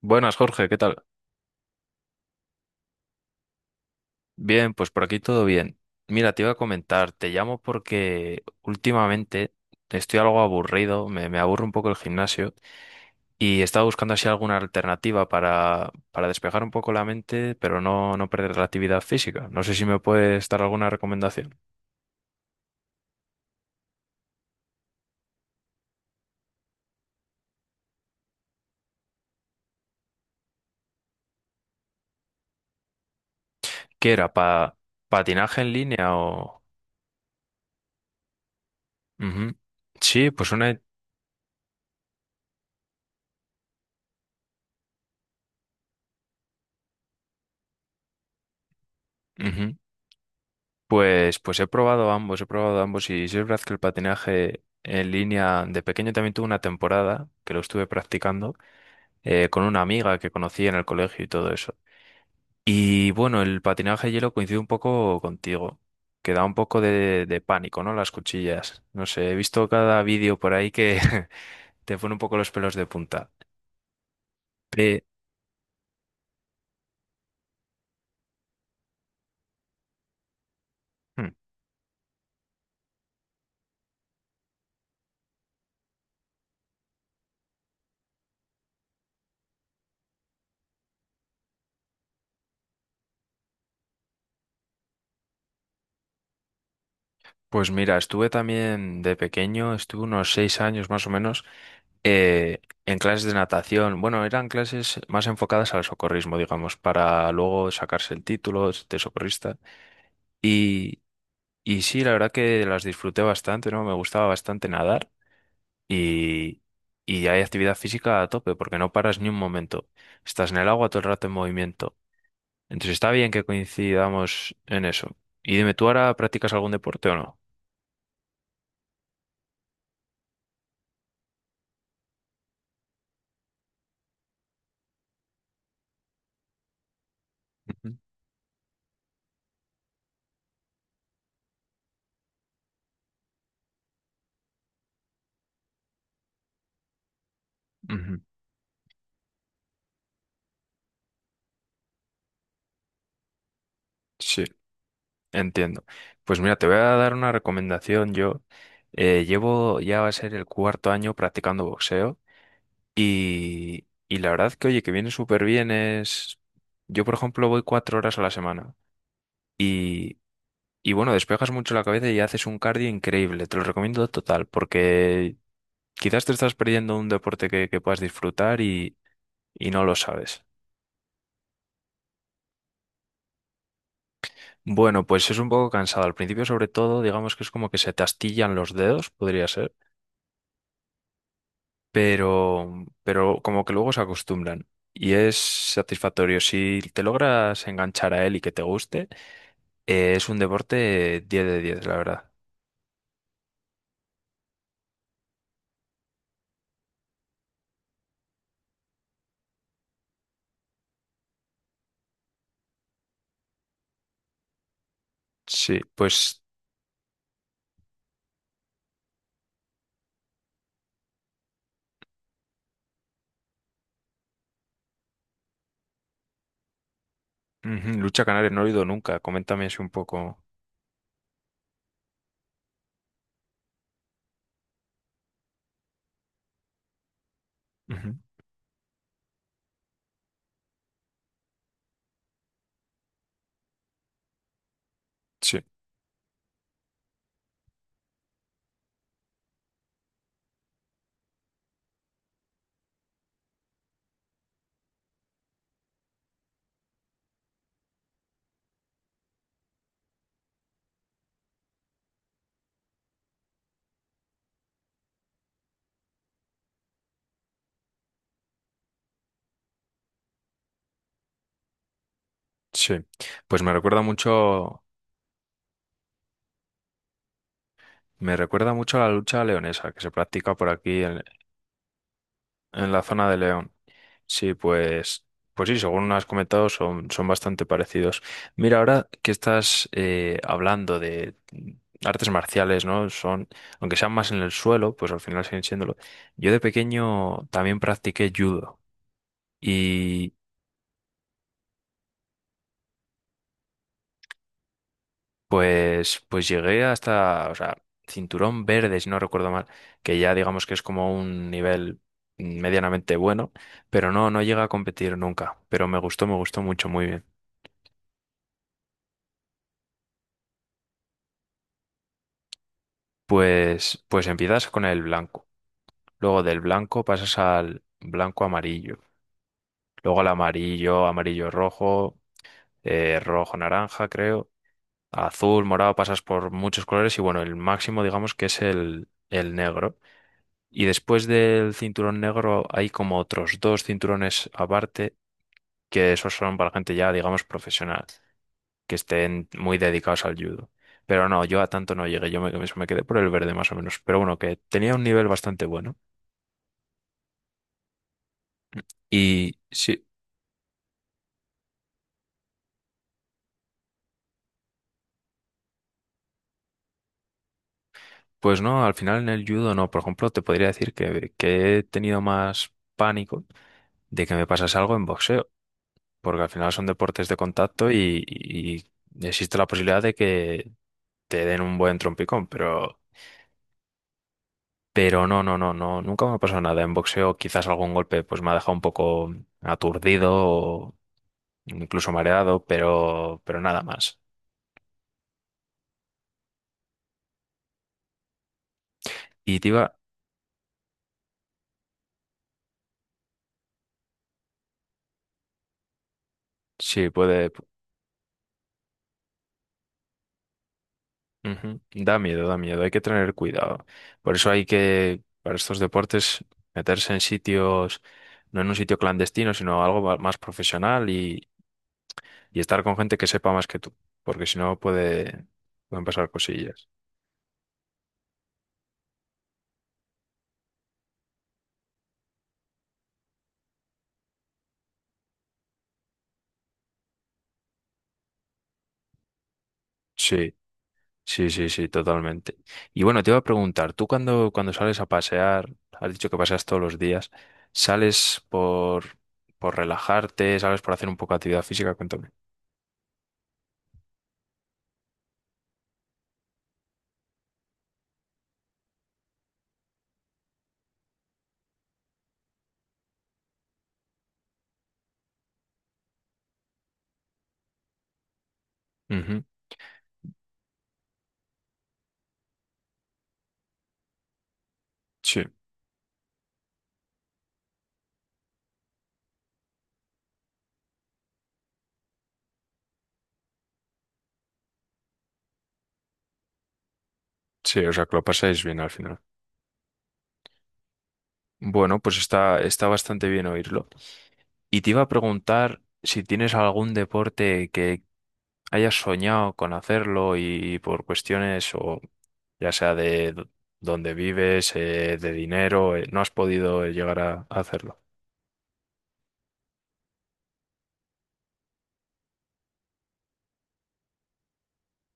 Buenas, Jorge, ¿qué tal? Bien, pues por aquí todo bien. Mira, te iba a comentar, te llamo porque últimamente estoy algo aburrido, me aburre un poco el gimnasio y estaba buscando así alguna alternativa para despejar un poco la mente, pero no perder la actividad física. No sé si me puedes dar alguna recomendación. ¿Qué era? ¿ ¿Patinaje en línea o...? Ujú. Sí, pues una... ujú. Pues he probado ambos y sí es verdad que el patinaje en línea de pequeño también tuve una temporada que lo estuve practicando con una amiga que conocí en el colegio y todo eso. Y bueno, el patinaje de hielo coincide un poco contigo, que da un poco de pánico, ¿no? Las cuchillas. No sé, he visto cada vídeo por ahí que te pone un poco los pelos de punta. Pe- Pues mira, estuve también de pequeño, estuve unos 6 años más o menos eh, en clases de natación. Bueno, eran clases más enfocadas al socorrismo, digamos, para luego sacarse el título de socorrista. Y, y sí, la verdad que las disfruté bastante, ¿no? Me gustaba bastante nadar y, y hay actividad física a tope porque no paras ni un momento. Estás en el agua todo el rato en movimiento. Entonces está bien que coincidamos en eso. Y dime, ¿tú ahora practicas algún deporte o no? Ujú, ujú. Sí. Entiendo. Pues mira, te voy a dar una recomendación. Yo llevo ya va a ser el cuarto año practicando boxeo y la verdad que, oye, que viene súper bien es... Yo, por ejemplo, voy 4 horas a la semana y, y bueno, despejas mucho la cabeza y haces un cardio increíble. Te lo recomiendo total porque quizás te estás perdiendo un deporte que puedas disfrutar y no lo sabes. Bueno, pues es un poco cansado. Al principio, sobre todo, digamos que es como que se te astillan los dedos, podría ser pero, pero como que luego se acostumbran. Y es satisfactorio. Si te logras enganchar a él y que te guste, es un deporte 10 de 10 la verdad. Sí, pues ujú, lucha canaria no lo he oído nunca. Coméntame así un poco. Ujú. Sí, sí. Pues me recuerda mucho a la lucha leonesa que se practica por aquí en la zona de León. Sí, pues, pues sí, según has comentado, son, son bastante parecidos. Mira, ahora que estás hablando de artes marciales, ¿no? Son, aunque sean más en el suelo, pues al final siguen siéndolo. Yo de pequeño también practiqué judo y pues llegué hasta, o sea, cinturón verde, si no recuerdo mal, que ya digamos que es como un nivel medianamente bueno, pero no llega a competir nunca. Pero me gustó mucho, muy bien. Pues empiezas con el blanco, luego del blanco pasas al blanco amarillo, luego al amarillo, amarillo rojo, rojo naranja, creo, azul, morado, pasas por muchos colores y bueno, el máximo digamos que es el negro. Y después del cinturón negro hay como otros dos cinturones aparte, que esos son para gente ya digamos profesional, que estén muy dedicados al judo. Pero no, yo a tanto no llegué, yo me quedé por el verde más o menos, pero bueno, que tenía un nivel bastante bueno. Y sí, pues no, al final en el judo no. Por ejemplo, te podría decir que he tenido más pánico de que me pasase algo en boxeo, porque al final son deportes de contacto y existe la posibilidad de que te den un buen trompicón, pero no, no, no, no, nunca me ha pasado nada. En boxeo quizás algún golpe pues me ha dejado un poco aturdido o incluso mareado, pero nada más. Y te iba, sí, puede, ujú. Da miedo, hay que tener cuidado. Por eso hay que, para estos deportes, meterse en sitios, no en un sitio clandestino, sino algo más profesional y estar con gente que sepa más que tú, porque si no puede, pueden pasar cosillas. Sí, sí, sí, sí, totalmente. Y bueno, te iba a preguntar, tú cuando sales a pasear, has dicho que paseas todos los días, ¿sales por relajarte, sales por hacer un poco de actividad física? Cuéntame. Ujú. Sí, sí, o sea que lo pasáis bien al final. Bueno, pues está, está bastante bien oírlo. Y te iba a preguntar si tienes algún deporte que hayas soñado con hacerlo y por cuestiones o ya sea de dónde vives, de dinero, no has podido llegar a hacerlo.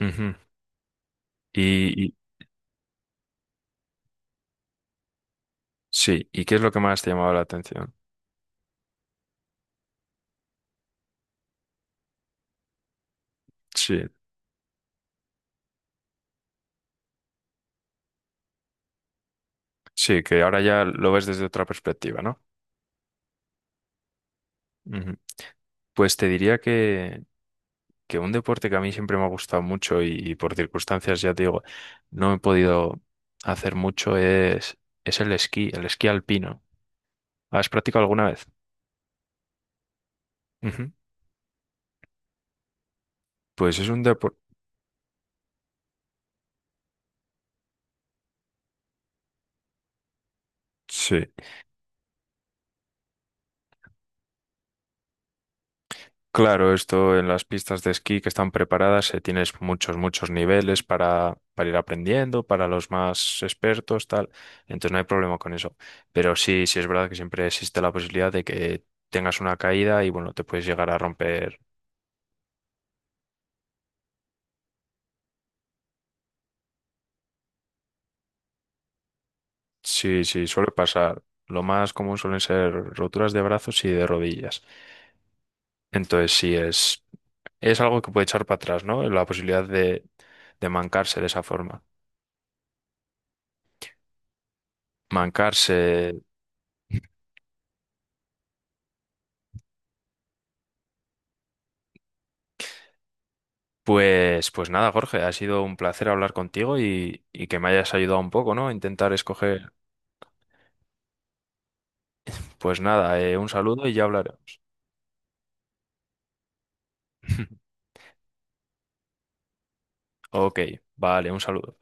Ujú. Y- sí, ¿y qué es lo que más te llamaba la atención? Sí, sí, que ahora ya lo ves desde otra perspectiva, ¿no? Ujú. Pues te diría que un deporte que a mí siempre me ha gustado mucho y por circunstancias, ya te digo, no he podido hacer mucho es el esquí alpino. ¿Has practicado alguna vez? Ujú. Pues es un deporte... Sí, claro, esto en las pistas de esquí que están preparadas, tienes muchos, muchos niveles para ir aprendiendo, para los más expertos, tal. Entonces no hay problema con eso. Pero sí, sí es verdad que siempre existe la posibilidad de que tengas una caída y bueno, te puedes llegar a romper. Sí, sí, suele pasar. Lo más común suelen ser roturas de brazos y de rodillas. Entonces, sí, es algo que puede echar para atrás, ¿no? La posibilidad de mancarse de esa forma. Mancarse. Pues, pues nada, Jorge, ha sido un placer hablar contigo y que me hayas ayudado un poco, ¿no? A intentar escoger. Pues nada, un saludo y ya hablaremos. Ok, vale, un saludo.